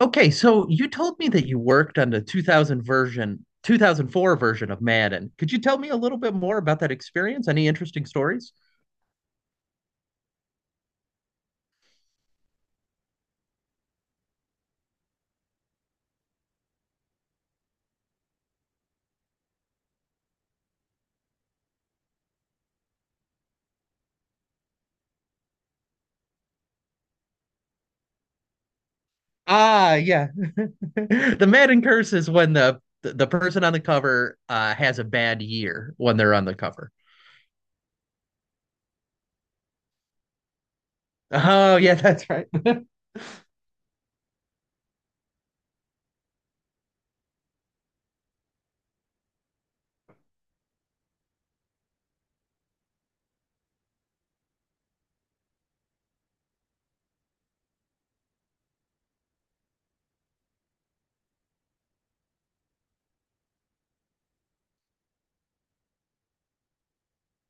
Okay, so you told me that you worked on the 2000 version, 2004 version of Madden. Could you tell me a little bit more about that experience? Any interesting stories? Ah, yeah. The Madden curse is when the person on the cover has a bad year when they're on the cover. Oh, yeah, that's right.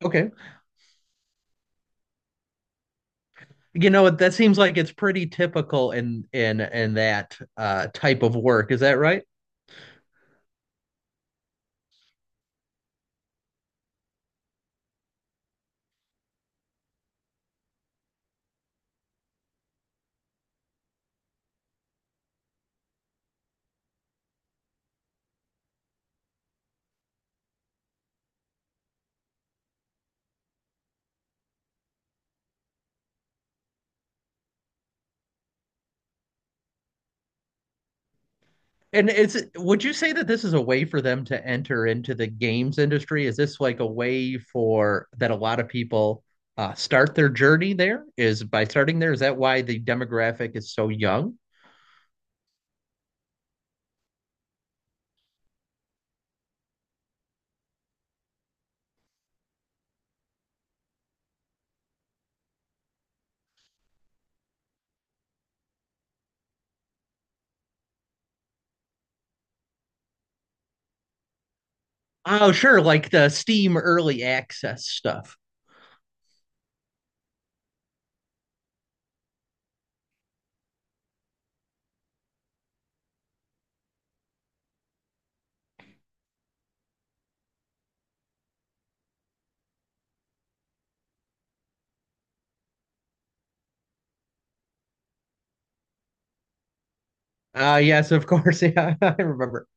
Okay. You know what, that seems like it's pretty typical in in that type of work. Is that right? And is would you say that this is a way for them to enter into the games industry? Is this like a way for that a lot of people start their journey there? Is by starting there, is that why the demographic is so young? Oh, sure, like the Steam early access stuff. Yes, of course. Yeah, I remember.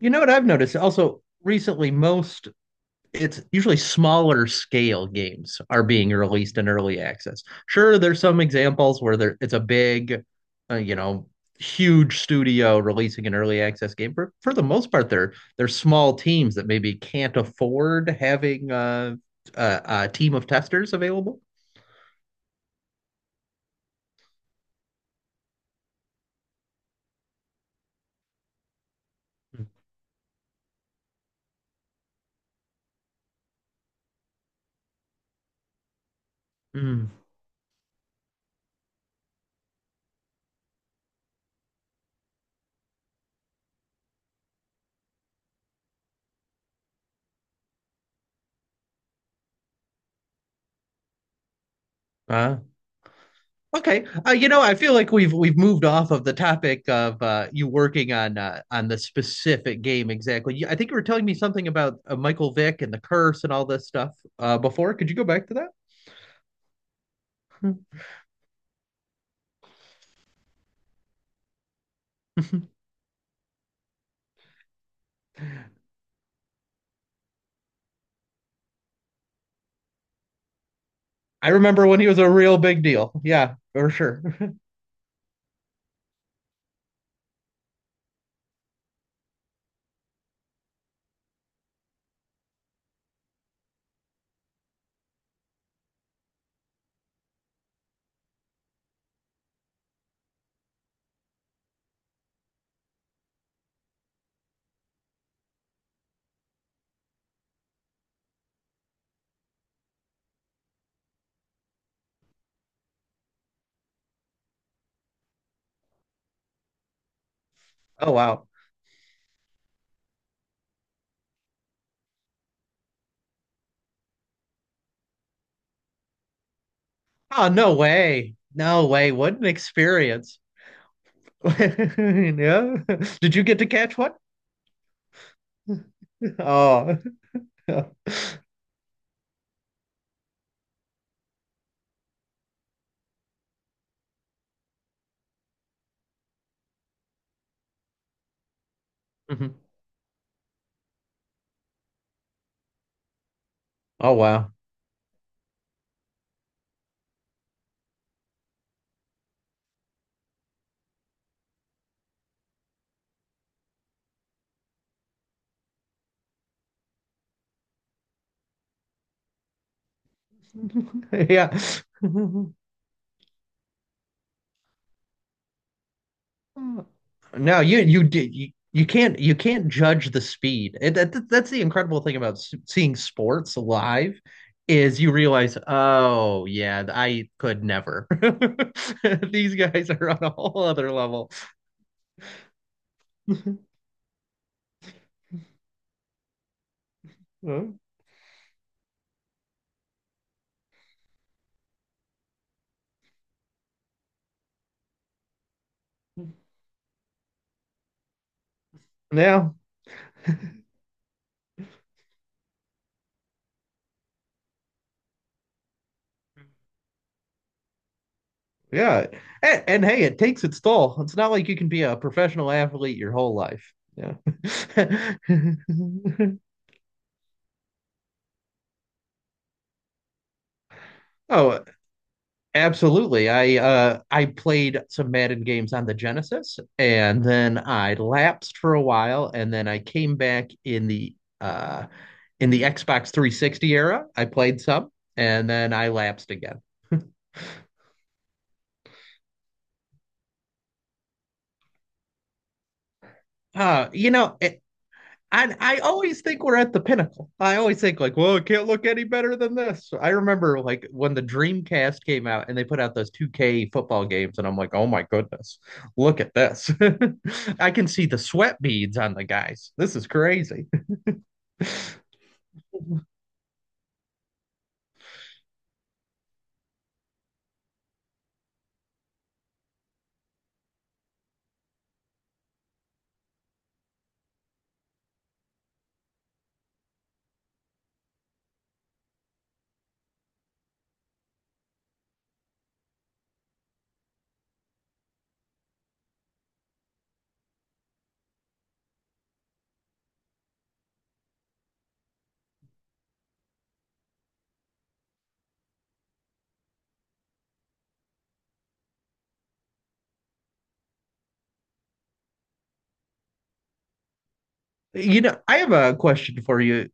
You know what I've noticed also recently, most it's usually smaller scale games are being released in early access. Sure, there's some examples where there it's a big, you know, huge studio releasing an early access game. For the most part, they're small teams that maybe can't afford having a team of testers available. Mm. Uh, Okay. You know, I feel like we've moved off of the topic of you working on the specific game exactly. You- I think you were telling me something about Michael Vick and the curse and all this stuff before. Could you go back to that? I remember when he was a real big deal. Yeah, for sure. Oh wow. Oh no way. No way. What an experience. Yeah. Did you get to catch one? Oh. Mhm. Oh wow. Yeah. No, you did you, you can't judge the speed. And that, that's the incredible thing about s- seeing sports live is you realize, oh yeah, I could never. These guys are on a whole other level. Yeah, yeah. And hey, it takes its toll. It's not like you can be a professional athlete your whole life. Yeah. Oh, absolutely. I played some Madden games on the Genesis and then I lapsed for a while and then I came back in the Xbox 360 era. I played some and then I lapsed again. Uh you know, a- And I always think we're at the pinnacle. I always think like, well, it can't look any better than this. I remember like when the Dreamcast came out and they put out those 2K football games, and I'm like, oh my goodness, look at this. I can see the sweat beads on the guys. This is crazy. You know, I have a question for you.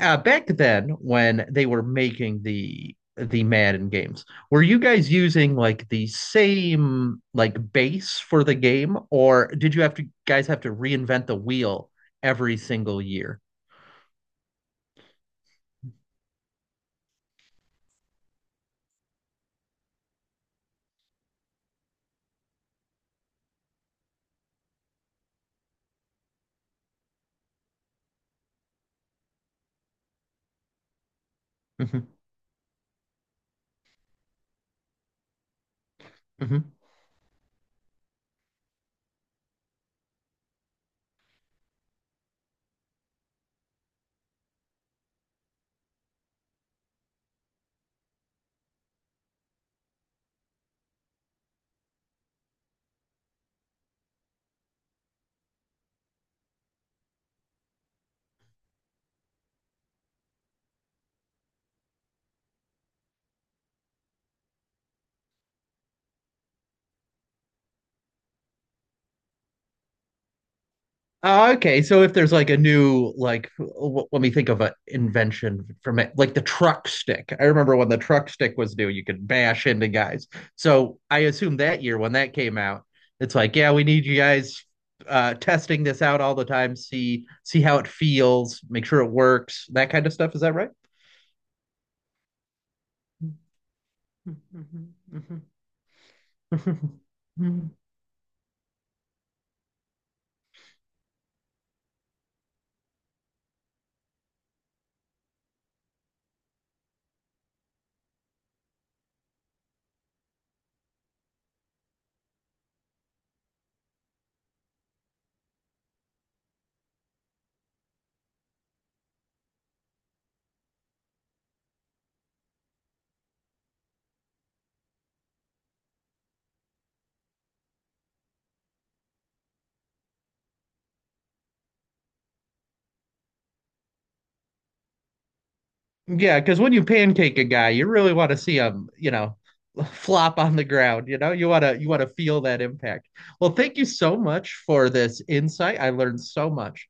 Back then when they were making the Madden games, were you guys using like the same like base for the game, or did you have to guys have to reinvent the wheel every single year? Mhm, mhm. Oh, okay. So if there's like a new like w- let me think of an invention from it, like the truck stick. I remember when the truck stick was new, you could bash into guys. So I assume that year when that came out, it's like, yeah, we need you guys testing this out all the time, see how it feels, make sure it works, that kind of stuff. Is that right? Yeah, because when you pancake a guy, you really want to see him, you know, flop on the ground. You know, you want to feel that impact. Well, thank you so much for this insight. I learned so much.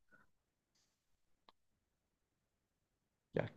Yeah.